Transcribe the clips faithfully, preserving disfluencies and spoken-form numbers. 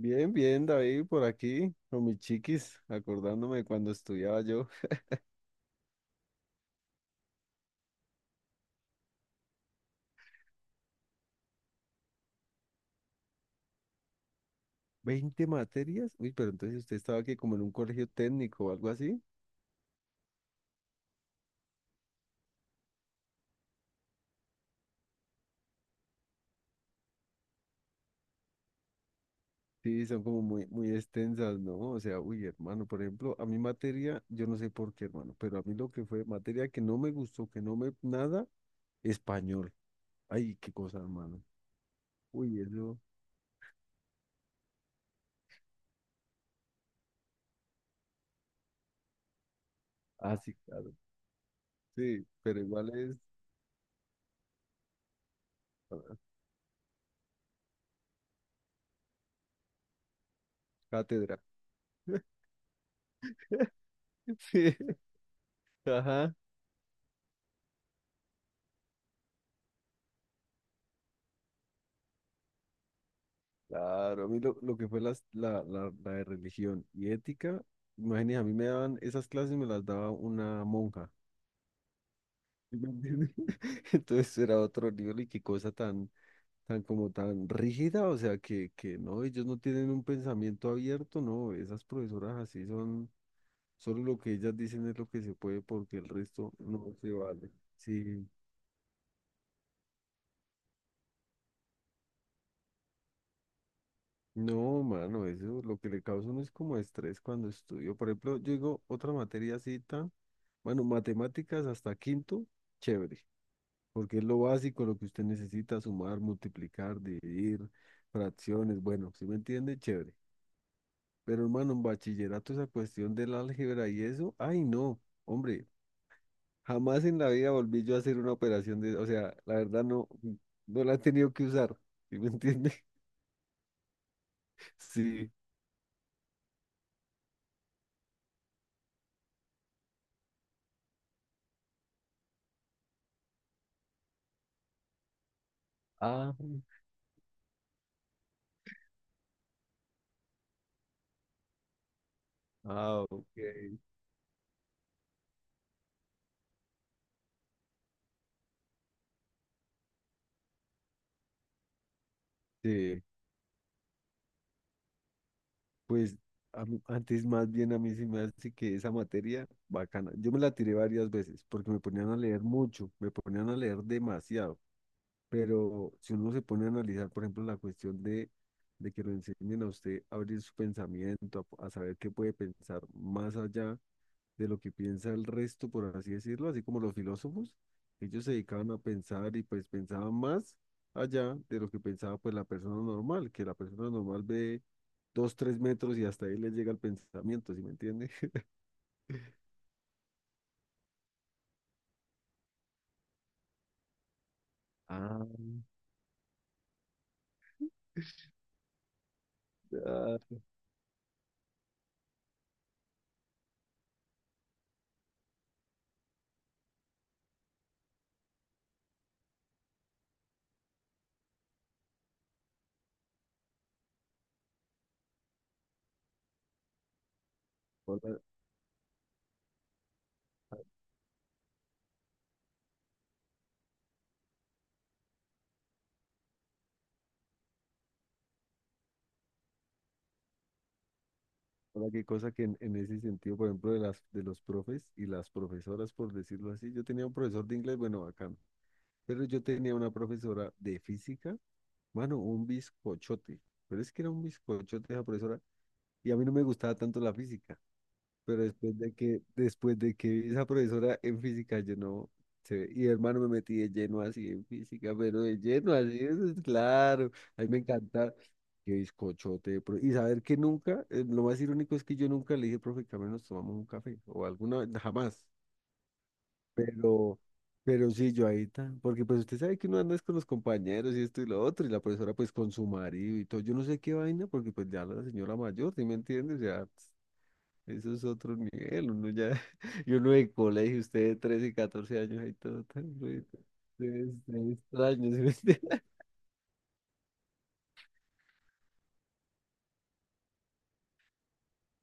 Bien, bien, David, por aquí, con mis chiquis, acordándome de cuando estudiaba yo. ¿Veinte materias? Uy, pero entonces usted estaba aquí como en un colegio técnico o algo así. Sí, son como muy, muy extensas, ¿no? O sea, uy, hermano, por ejemplo, a mi materia, yo no sé por qué, hermano, pero a mí lo que fue materia que no me gustó, que no me, nada, español. Ay, qué cosa, hermano. Uy, eso, ah, sí, claro. Sí, pero igual es ah, cátedra. Sí, ajá. Claro, a mí lo, lo que fue las- la, la, la de religión y ética, imagínate, a mí me daban esas clases, y me las daba una monja. ¿Sí me entiendes? Entonces era otro nivel y qué cosa tan, tan como tan rígida, o sea, que, que no, ellos no tienen un pensamiento abierto, no, esas profesoras así son, solo lo que ellas dicen es lo que se puede porque el resto no se vale. Sí, no, mano, eso lo que le causa a uno es como estrés cuando estudio. Por ejemplo, yo digo otra materia cita. Bueno, matemáticas hasta quinto, chévere, porque es lo básico, lo que usted necesita, sumar, multiplicar, dividir, fracciones, bueno, si me entiende, chévere. Pero hermano, en bachillerato esa cuestión del álgebra y eso, ay no, hombre, jamás en la vida volví yo a hacer una operación de, o sea, la verdad no, no la he tenido que usar, ¿sí me entiende? Sí. Ah, ah, ok. Sí, pues a mí- antes más bien a mí sí me hace que esa materia bacana. Yo me la tiré varias veces porque me ponían a leer mucho, me ponían a leer demasiado. Pero si uno se pone a analizar, por ejemplo, la cuestión de, de que lo enseñen a usted a abrir su pensamiento, a, a saber qué puede pensar más allá de lo que piensa el resto, por así decirlo, así como los filósofos, ellos se dedicaban a pensar y pues pensaban más allá de lo que pensaba pues la persona normal, que la persona normal ve dos, tres metros y hasta ahí les llega el pensamiento, ¿sí me entiende? Ah, ah. Ahora, ahora qué cosa que en, en ese sentido, por ejemplo, de las de los profes y las profesoras, por decirlo así, yo tenía un profesor de inglés, bueno, bacán, pero yo tenía una profesora de física, mano, un bizcochote, pero es que era un bizcochote esa profesora, y a mí no me gustaba tanto la física. Pero después de que, después de que vi esa profesora en física, yo no sé, y hermano me metí de lleno así en física, pero de lleno así, eso es claro, a mí me encanta qué bizcochote, de pro- y saber que nunca, eh, lo más irónico es que yo nunca le dije, profe, que a nos tomamos un café, o alguna vez, jamás, pero, pero sí, yo ahí tan, porque pues usted sabe que uno anda es con los compañeros y esto y lo otro, y la profesora pues con su marido y todo, yo no sé qué vaina, porque pues ya la señora mayor, ¿sí me entiendes? Ya eso es otro nivel, uno ya, y uno de colegio, usted de trece catorce años ahí todo tan bueno, es extraño, ¿sí me entiende?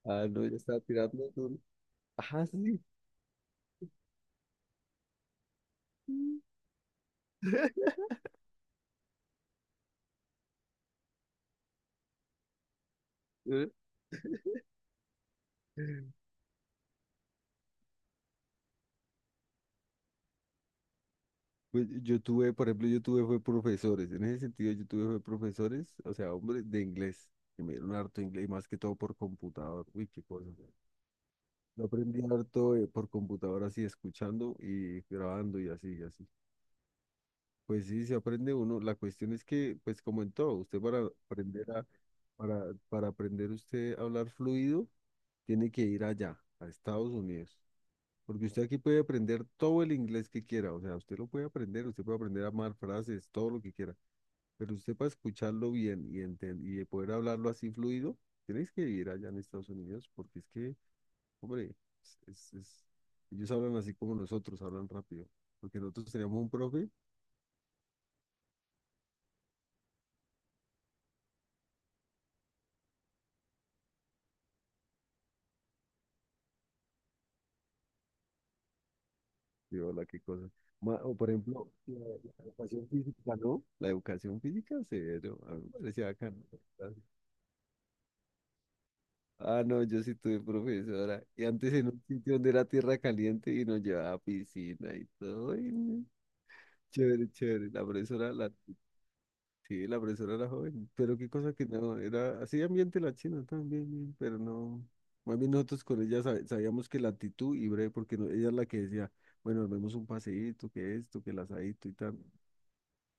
Ah, no, ya estaba tirando duro. Ajá, sí. Pues yo tuve, por ejemplo, yo tuve fue profesores, en ese sentido yo tuve fue profesores, o sea, hombres de inglés, que me dieron harto inglés, y más que todo por computador, uy, qué cosa. Yo aprendí harto eh, por computador así, escuchando y grabando y así, y así. Pues sí, se aprende uno. La cuestión es que, pues como en todo, usted para aprender a, para, para aprender usted a hablar fluido, tiene que ir allá, a Estados Unidos. Porque usted aquí puede aprender todo el inglés que quiera. O sea, usted lo puede aprender, usted puede aprender a armar frases, todo lo que quiera. Pero usted para escucharlo bien y, enten- y poder hablarlo así fluido, tienes que ir allá en Estados Unidos, porque es que, hombre, es, es- es- ellos hablan así como nosotros, hablan rápido. Porque nosotros teníamos un profe. Sí, hola, qué cosa. Ma- o por ejemplo, la, la educación física, ¿no? La educación física, cero. A mí me parecía bacano. Ah, no, yo sí tuve profesora. Y antes en un sitio donde era tierra caliente y nos llevaba a piscina y todo. y, mm, chévere, chévere. La profesora, la, sí, la profesora era joven. Pero qué cosa que no, era así ambiente la china también, bien, pero no. Más bien nosotros con ella sabe- sabíamos que la actitud y breve, porque no- ella es la que decía, bueno, nos vemos un paseíto, que esto, que el asadito y tal.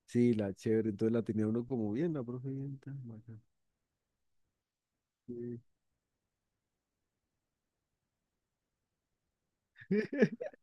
Sí, la chévere, entonces la tenía uno como bien, la profe bien tan bacán. Sí.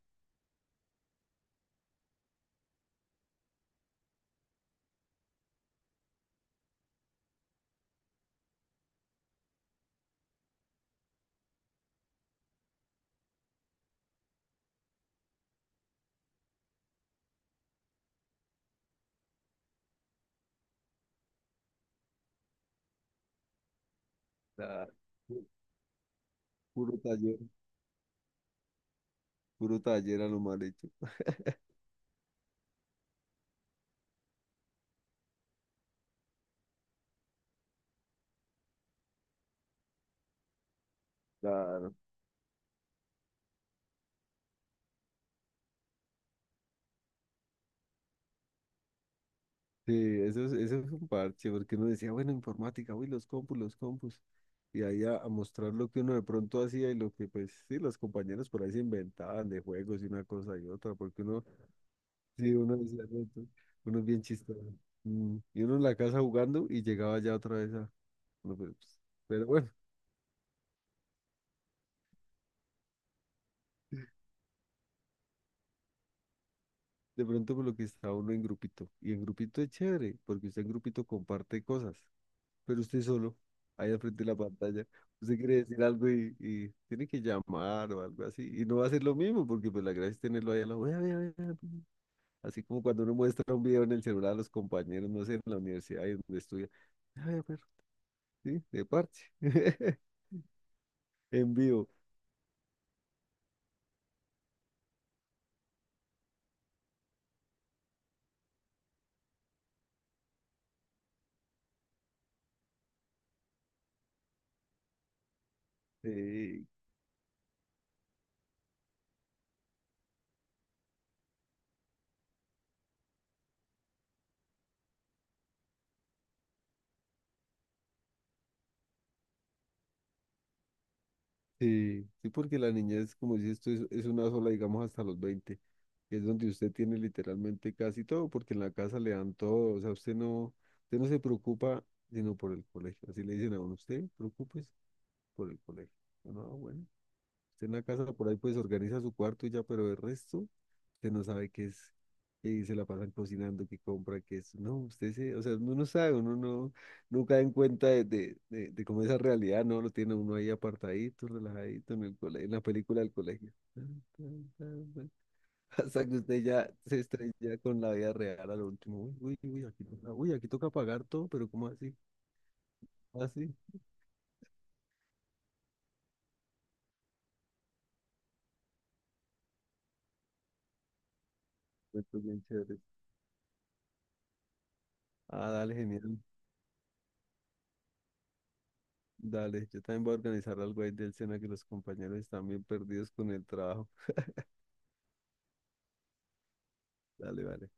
Claro, pu- puro taller, puro taller a lo mal hecho. Claro. Sí, eso es, eso es un parche, porque uno decía, bueno, informática, uy, los compus, los compus. Y ahí a, a mostrar lo que uno de pronto hacía y lo que, pues, sí, los compañeros por ahí se inventaban de juegos y una cosa y otra, porque uno, sí, uno decía: "No, esto- uno es bien chistoso. Mm, Y uno en la casa jugando y llegaba ya otra vez a. Uno, pero, pues, pero bueno. De pronto por lo que está uno en grupito. Y en grupito es chévere, porque usted en grupito comparte cosas. Pero usted solo, ahí al frente de la pantalla, usted quiere decir algo y, y tiene que llamar o algo así. Y no va a ser lo mismo, porque pues la gracia es tenerlo ahí a la vea, vea, vea, vea". Así como cuando uno muestra un video en el celular a los compañeros, no sé, en la universidad ahí donde estudia. "Ay, pero sí, de parche. En vivo. Eh, sí, sí, porque la niñez, como dices tú, es, es una sola, digamos, hasta los veinte es donde usted tiene literalmente casi todo, porque en la casa le dan todo, o sea, usted no, usted no, se preocupa sino por el colegio, así le dicen a uno, usted preocúpese por el colegio. Yo, No, bueno, usted en la casa por ahí pues organiza su cuarto y ya, pero el resto, usted no sabe qué es, y se la pasan cocinando, qué compra, qué es, no, usted se, o sea, uno no sabe, uno no, no cae en cuenta de, de, de, de cómo esa realidad, no, lo tiene uno ahí apartadito, relajadito en el colegio, en la película del colegio. Tan, tan, tan, tan. Hasta que usted ya se estrella con la vida real al último. Uy, uy, uy, aquí toca, uy, aquí toca pagar todo, pero ¿cómo así? Así. Cuentos bien chéveres. Ah, dale, genial. Dale, yo también voy a organizar algo ahí del Sena que los compañeros están bien perdidos con el trabajo. Dale, vale.